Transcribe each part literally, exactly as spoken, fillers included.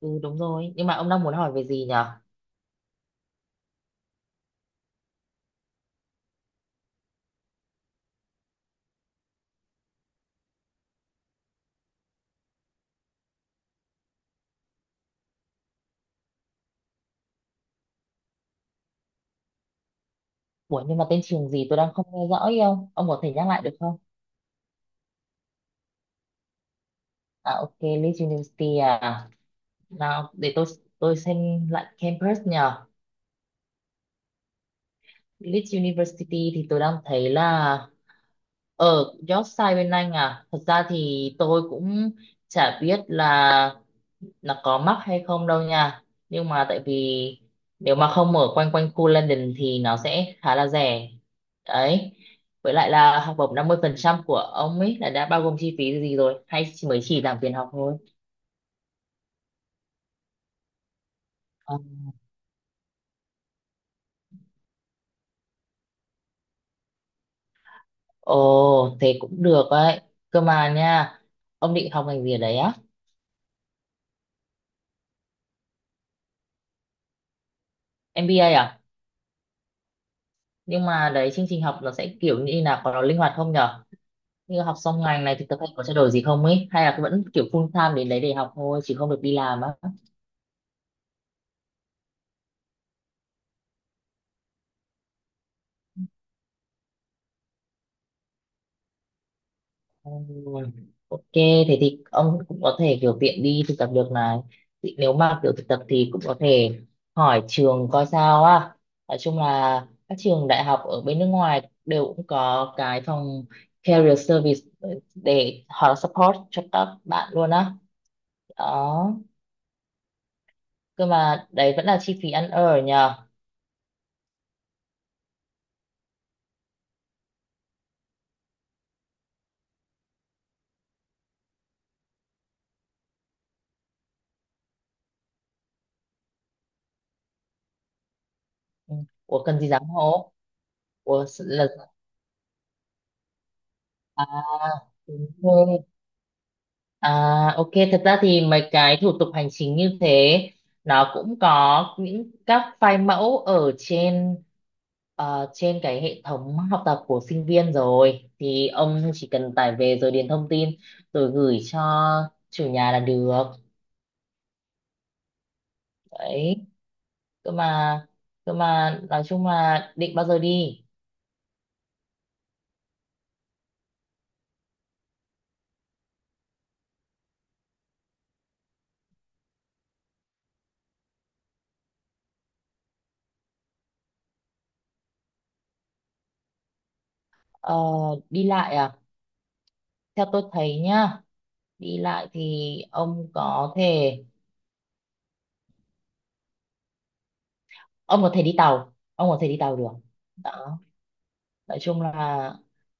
Ừ, đúng rồi. Nhưng mà ông đang muốn hỏi về gì nhở? Ủa nhưng mà tên trường gì tôi đang không nghe rõ ý ông. Ông có thể nhắc lại được không? À, ok, Leeds University à? Nào để tôi tôi xem lại campus nhở. Leeds University thì tôi đang thấy là ở Yorkshire bên Anh à. Thật ra thì tôi cũng chả biết là nó có mắc hay không đâu nha, nhưng mà tại vì nếu mà không ở quanh quanh khu London thì nó sẽ khá là rẻ đấy. Với lại là học bổng năm mươi phần trăm của ông ấy là đã bao gồm chi phí gì rồi hay chỉ- mới chỉ giảm tiền học thôi? Ờ, ồ thế cũng được đấy, cơ mà nha, ông định học ngành gì ở đấy á? em bi ây à? Nhưng mà đấy chương trình học nó sẽ kiểu như là có nó linh hoạt không nhở, như học xong ngành này thì thực hay có trao đổi gì không ấy, hay là vẫn kiểu full time đến đấy để học thôi chứ không được đi làm á? Ôi, ok, thế thì ông cũng có thể kiểu tiện đi thực tập được này. Thì nếu mà kiểu thực tập thì cũng có thể hỏi trường coi sao á. Nói chung là các trường đại học ở bên nước ngoài đều cũng có cái phòng career service để họ support cho các bạn luôn á. Đó. Cơ mà đấy vẫn là chi phí ăn ở nhờ. Ừ. Ủa cần gì dám hố? Ủa là à, đúng rồi. À, ok, thật ra thì mấy cái thủ tục hành chính như thế nó cũng có những các file mẫu ở trên ờ, trên cái hệ thống học tập của sinh viên rồi, thì ông chỉ cần tải về rồi điền thông tin rồi gửi cho chủ nhà là được. Đấy, cơ mà cơ mà nói chung là định bao giờ đi? Ờ, đi lại à? Theo tôi thấy nhá, đi lại thì ông có thể ông có thể đi tàu, ông có thể đi tàu được. Đó. Nói chung là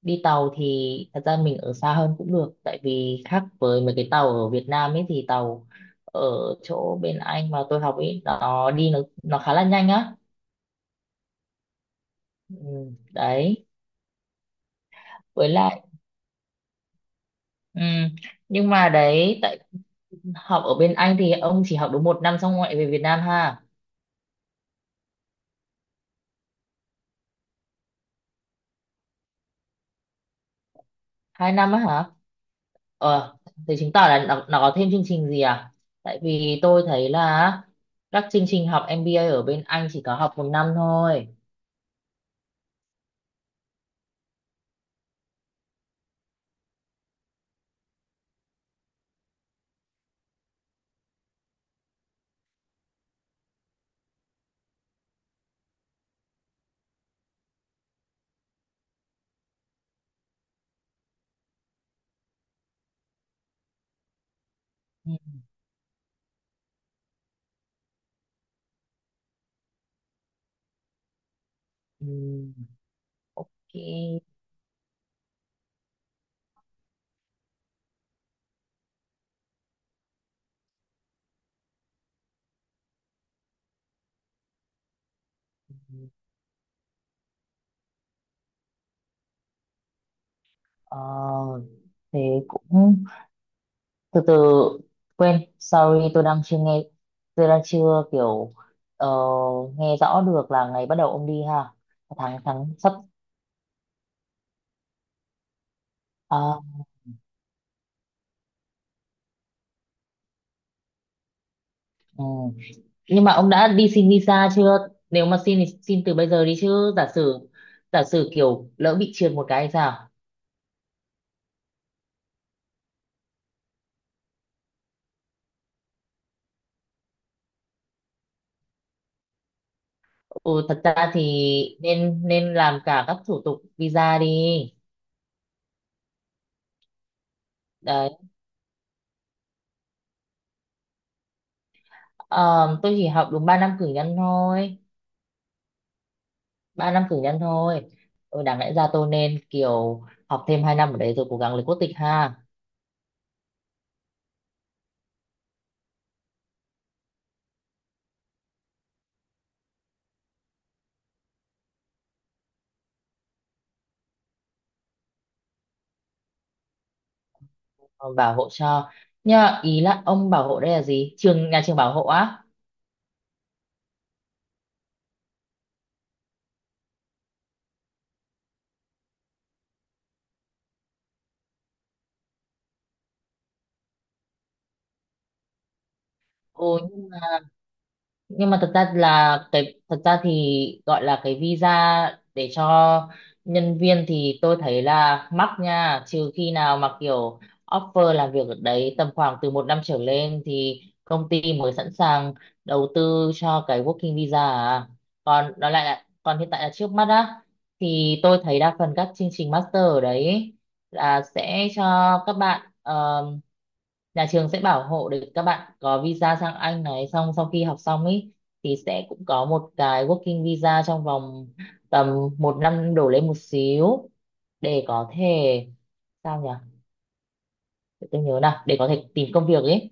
đi tàu thì thật ra mình ở xa hơn cũng được, tại vì khác với mấy cái tàu ở Việt Nam ấy thì tàu ở chỗ bên anh mà tôi học ấy nó đi nó nó khá là nhanh á. Ừ, đấy. Với lại ừ, nhưng mà đấy tại học ở bên anh thì ông chỉ học đúng một năm xong ngoại về Việt Nam ha. Hai năm á hả? Ờ, thế chứng tỏ là nó, nó có thêm chương trình gì à? Tại vì tôi thấy là các chương trình học em bê a ở bên Anh chỉ có học một năm thôi. Ừ. Ừ, ok. Ờ, thế cũng từ từ, quên, sorry tôi đang chưa nghe, tôi đang chưa kiểu ờ, nghe rõ được là ngày bắt đầu ông đi ha. Tháng tháng sắp à, ừ. Nhưng mà ông đã đi xin visa chưa? Nếu mà xin thì xin từ bây giờ đi chứ giả sử, giả sử kiểu lỡ bị trượt một cái thì sao? Ừ, thật ra thì nên nên làm cả các thủ tục visa đi. Ờ, tôi chỉ học đúng ba năm cử nhân thôi, ba năm cử nhân thôi. Ừ, đáng lẽ ra tôi nên kiểu học thêm hai năm ở đấy rồi cố gắng lấy quốc tịch ha. Ờ, bảo hộ cho. Nhưng mà ý là ông bảo hộ đây là gì, trường nhà trường bảo hộ á? Ừ, nhưng mà thật ra là cái thật ra thì gọi là cái visa để cho nhân viên thì tôi thấy là mắc nha, trừ khi nào mà kiểu offer làm việc ở đấy tầm khoảng từ một năm trở lên thì công ty mới sẵn sàng đầu tư cho cái working visa à. Còn đó lại là còn hiện tại là trước mắt á, thì tôi thấy đa phần các chương trình master ở đấy là sẽ cho các bạn, nhà trường sẽ bảo hộ để các bạn có visa sang Anh này, xong sau khi học xong ý thì sẽ cũng có một cái working visa trong vòng tầm một năm đổ lên một xíu để có thể, sao nhỉ, để tôi nhớ nào, để có thể tìm công việc ấy.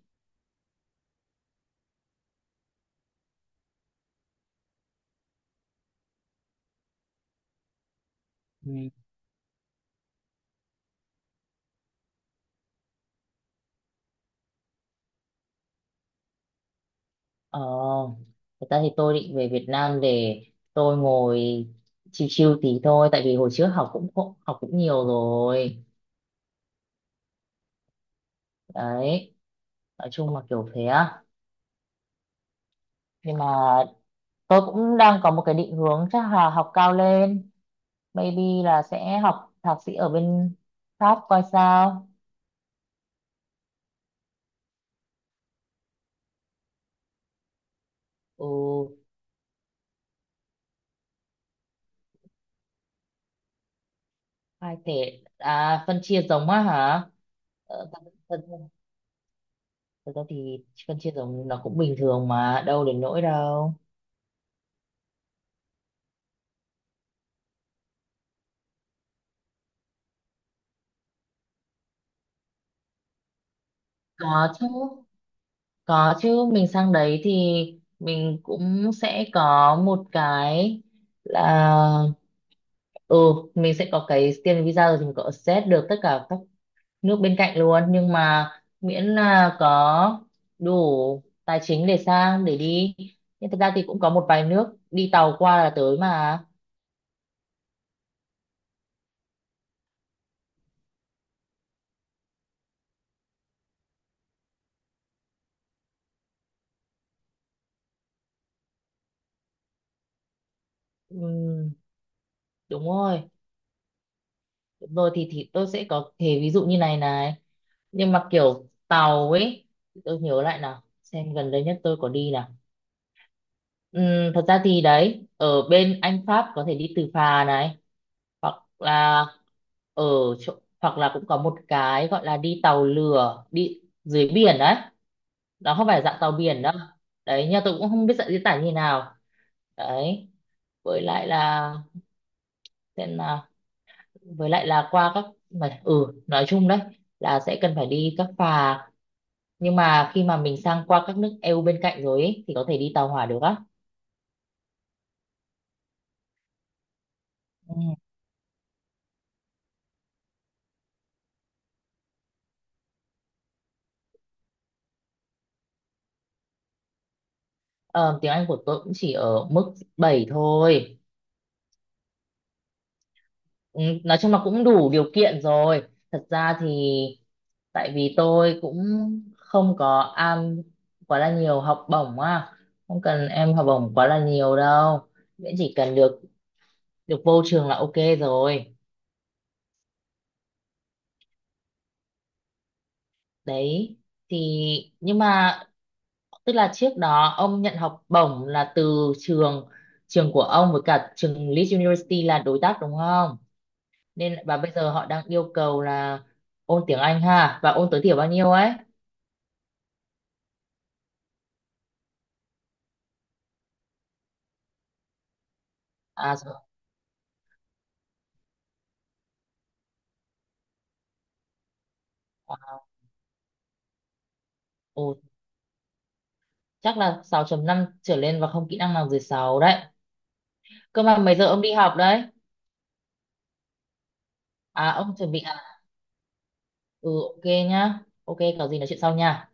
Ừ. Ờ, thật ra thì tôi định về Việt Nam để tôi ngồi chill chill tí thôi, tại vì hồi trước học cũng, học cũng nhiều rồi đấy. Nói chung là kiểu thế á. Nhưng mà tôi cũng đang có một cái định hướng chắc là học cao lên, maybe là sẽ học thạc sĩ ở bên Pháp coi sao. Ừ. Hai thể à, phân chia giống á hả? Ờ, phân, phân, thực ra thì phân chia giống nó cũng bình thường mà đâu đến nỗi đâu. Có chứ có chứ mình sang đấy thì mình cũng sẽ có một cái là, ừ, mình sẽ có cái student visa rồi thì mình có access được tất cả các nước bên cạnh luôn, nhưng mà miễn là có đủ tài chính để sang để đi. Nhưng thực ra thì cũng có một vài nước đi tàu qua là tới mà. Ừm, đúng rồi, đúng rồi, thì thì tôi sẽ có thể ví dụ như này này, nhưng mà kiểu tàu ấy, tôi nhớ lại nào xem gần đây nhất tôi có đi nào. Ừm, thật ra thì đấy ở bên Anh Pháp có thể đi từ phà này hoặc là ở chỗ, hoặc là cũng có một cái gọi là đi tàu lửa đi dưới biển đấy, nó không phải dạng tàu biển đâu. Đấy, nhưng tôi cũng không biết dạng diễn tả như nào. Đấy, với lại là, xem nào, với lại là qua các mà ừ, nói chung đấy là sẽ cần phải đi các phà, nhưng mà khi mà mình sang qua các nước e u bên cạnh rồi ấy, thì có thể đi tàu hỏa được á. Ừ. Ờ, tiếng Anh của tôi cũng chỉ ở mức bảy thôi. Ừ, nói chung là cũng đủ điều kiện rồi. Thật ra thì tại vì tôi cũng không có am quá là nhiều học bổng á, không cần em học bổng quá là nhiều đâu. Miễn chỉ cần được được vô trường là ok rồi. Đấy thì, nhưng mà tức là trước đó ông nhận học bổng là từ trường, trường của ông với cả trường Leeds University là đối tác đúng không? Nên và bây giờ họ đang yêu cầu là ôn tiếng Anh ha, và ôn tối thiểu bao nhiêu ấy? À rồi. À, ồ, chắc là sáu chấm năm trở lên và không kỹ năng nào dưới sáu đấy. Cơ mà mấy giờ ông đi học đấy? À, ông chuẩn bị à? Ừ, ok nhá. Ok, có gì nói chuyện sau nha.